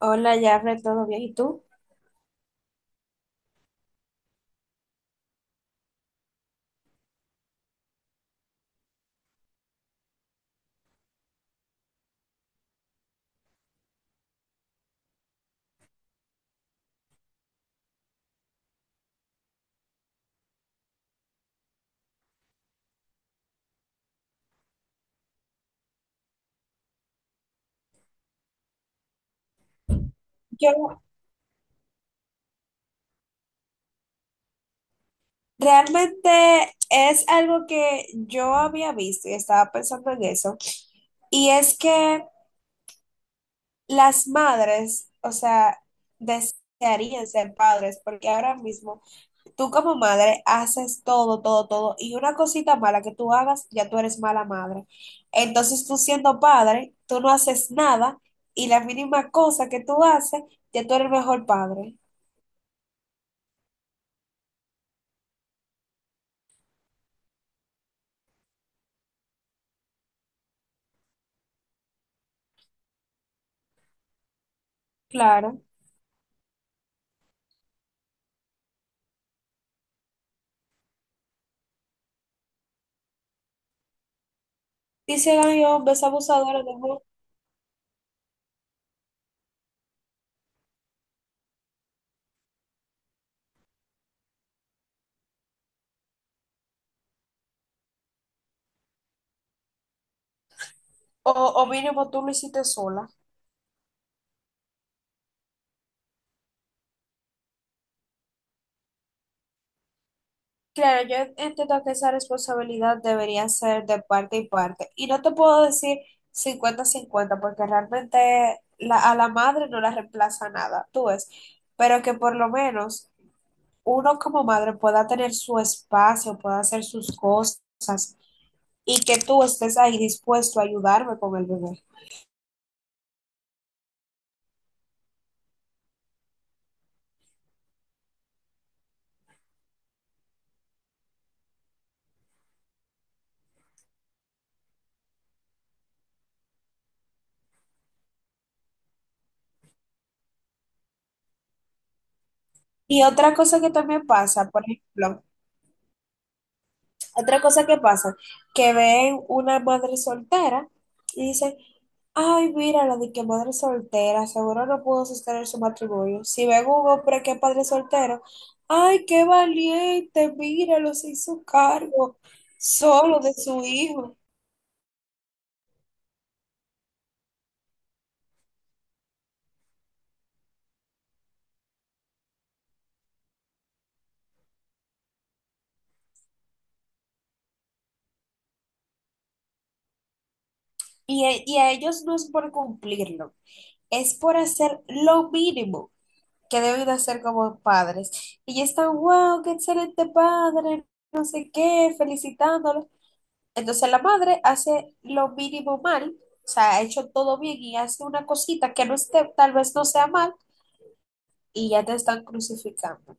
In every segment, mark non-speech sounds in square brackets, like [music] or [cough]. Hola, Jafre, ¿todo bien? ¿Y tú? Yo Realmente es algo que yo había visto y estaba pensando en eso. Y es que las madres, o sea, desearían ser padres, porque ahora mismo tú como madre haces todo, todo, todo. Y una cosita mala que tú hagas, ya tú eres mala madre. Entonces tú siendo padre, tú no haces nada y la mínima cosa que tú haces, ya tú eres el mejor padre. Claro. Dicen, ay, hombres abusadores de mujeres. O, o mínimo tú lo hiciste sola. Claro, yo entiendo que esa responsabilidad debería ser de parte y parte. Y no te puedo decir 50-50 porque realmente a la madre no la reemplaza nada, tú ves. Pero que por lo menos uno como madre pueda tener su espacio, pueda hacer sus cosas y que tú estés ahí dispuesto a ayudarme con el bebé. Y otra cosa que también pasa, por ejemplo, otra cosa que pasa, que ven una madre soltera y dicen, ay, mira la de que madre soltera, seguro no pudo sostener su matrimonio. Si ven un hombre que es padre soltero, ay, qué valiente, míralo, se hizo cargo solo de su hijo. Y a ellos no es por cumplirlo, es por hacer lo mínimo que deben de hacer como padres. Y ya están, wow, qué excelente padre, no sé qué, felicitándolo. Entonces la madre hace lo mínimo mal, o sea, ha hecho todo bien y hace una cosita que no esté, tal vez no sea mal, y ya te están crucificando.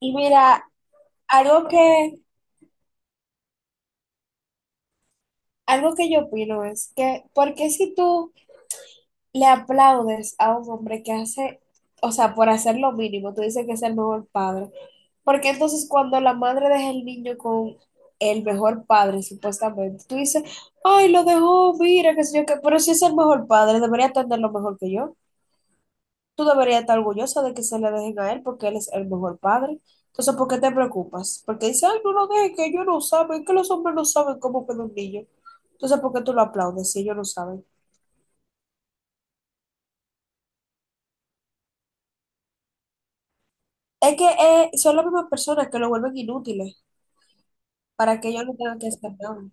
Y mira, algo que, algo que yo opino es que, ¿por qué si tú le aplaudes a un hombre que hace, o sea, por hacer lo mínimo, tú dices que es el mejor padre? Porque entonces cuando la madre deja el niño con el mejor padre, supuestamente, tú dices, ay, lo dejó, mira, qué sé yo, qué, pero si es el mejor padre, debería atenderlo mejor que yo. Tú deberías estar orgullosa de que se le dejen a él porque él es el mejor padre. Entonces, ¿por qué te preocupas? Porque dice, ay, no lo dejes, que ellos no saben, que los hombres no saben cómo cuidar un niño. Entonces, ¿por qué tú lo aplaudes si ellos no saben? Es que son las mismas personas que lo vuelven inútiles para que ellos no tengan que hacer nada.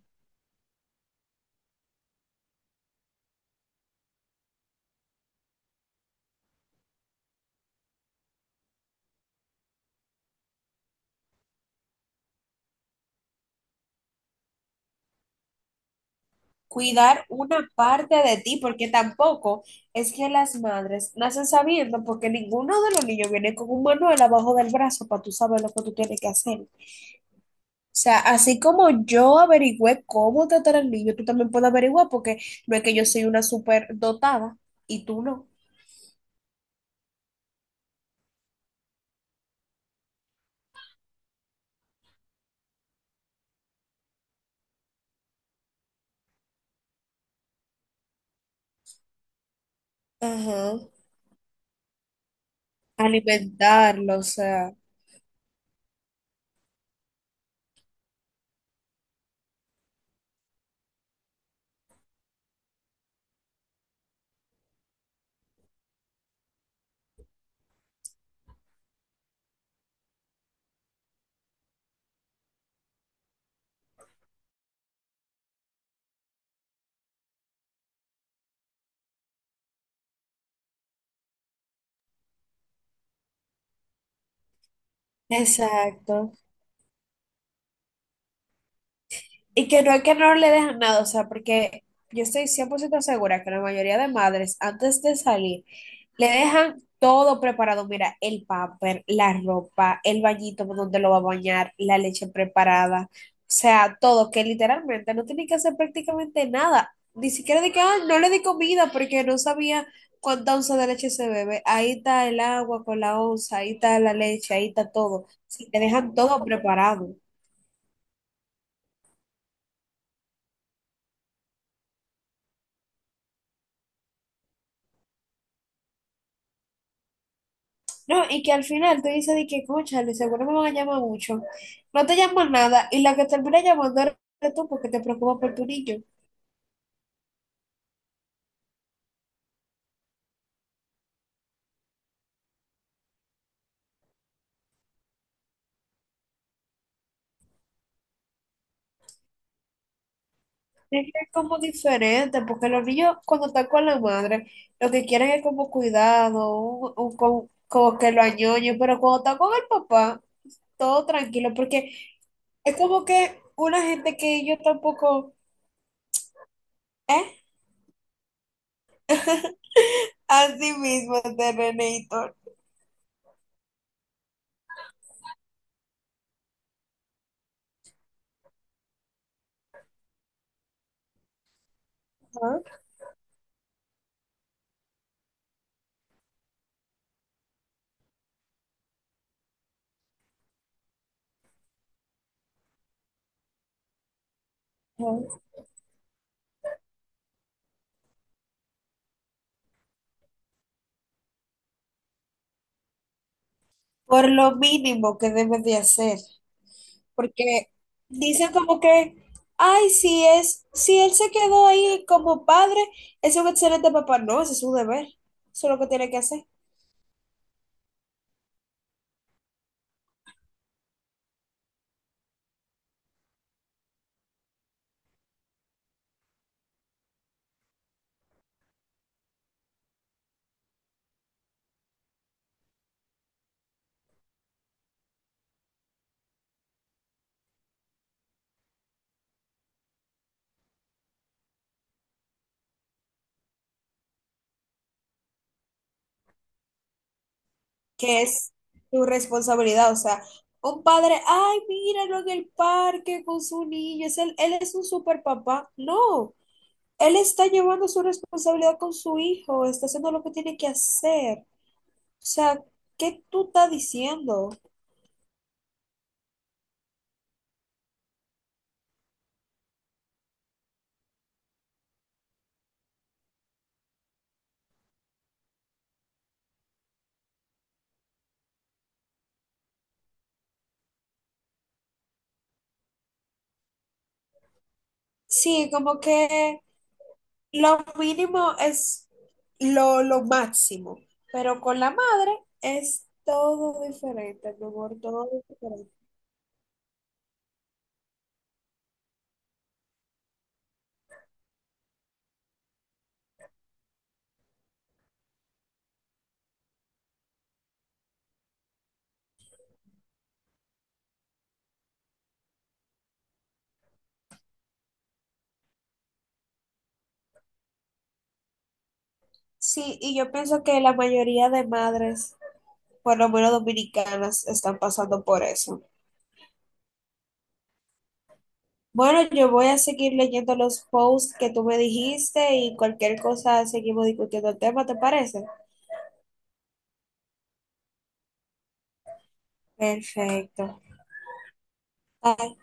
Cuidar una parte de ti, porque tampoco es que las madres nacen sabiendo, porque ninguno de los niños viene con un manual abajo del brazo para tú saber lo que tú tienes que hacer. O sea, así como yo averigüé cómo tratar al niño, tú también puedes averiguar, porque no es que yo soy una super dotada y tú no. Ajá. Alimentarlo, o sea. Exacto. Y que no es que no le dejan nada, o sea, porque yo estoy 100% segura que la mayoría de madres, antes de salir, le dejan todo preparado. Mira, el paper, la ropa, el bañito donde lo va a bañar, la leche preparada, o sea, todo, que literalmente no tiene que hacer prácticamente nada. Ni siquiera de que, ah, no le di comida porque no sabía cuánta onza de leche se bebe. Ahí está el agua con la onza, ahí está la leche, ahí está todo. Sí, te dejan todo preparado. No, y que al final tú dices de que, escúchale, seguro me van a llamar mucho. No te llaman nada y la que termina llamando eres tú porque te preocupa por tu niño. Es que es como diferente, porque los niños cuando están con la madre, lo que quieren es como cuidado, como que lo añoñen, pero cuando están con el papá, todo tranquilo, porque es como que una gente que yo tampoco, ¿eh? [laughs] Así mismo, de Renator. Por lo mínimo que debes de hacer. Porque dicen como que, ay, si es, si él se quedó ahí como padre, es un excelente papá. No, ese es su deber. Eso es lo que tiene que hacer, que es su responsabilidad. O sea, un padre, ay, míralo en el parque con su niño, es él, él es un super papá. No, él está llevando su responsabilidad con su hijo, está haciendo lo que tiene que hacer. O sea, ¿qué tú estás diciendo? Sí, como que lo mínimo es lo máximo, pero con la madre es todo diferente, mi amor, todo diferente. Sí, y yo pienso que la mayoría de madres, por lo menos dominicanas, están pasando por eso. Bueno, yo voy a seguir leyendo los posts que tú me dijiste y cualquier cosa seguimos discutiendo el tema, ¿te parece? Perfecto. Bye.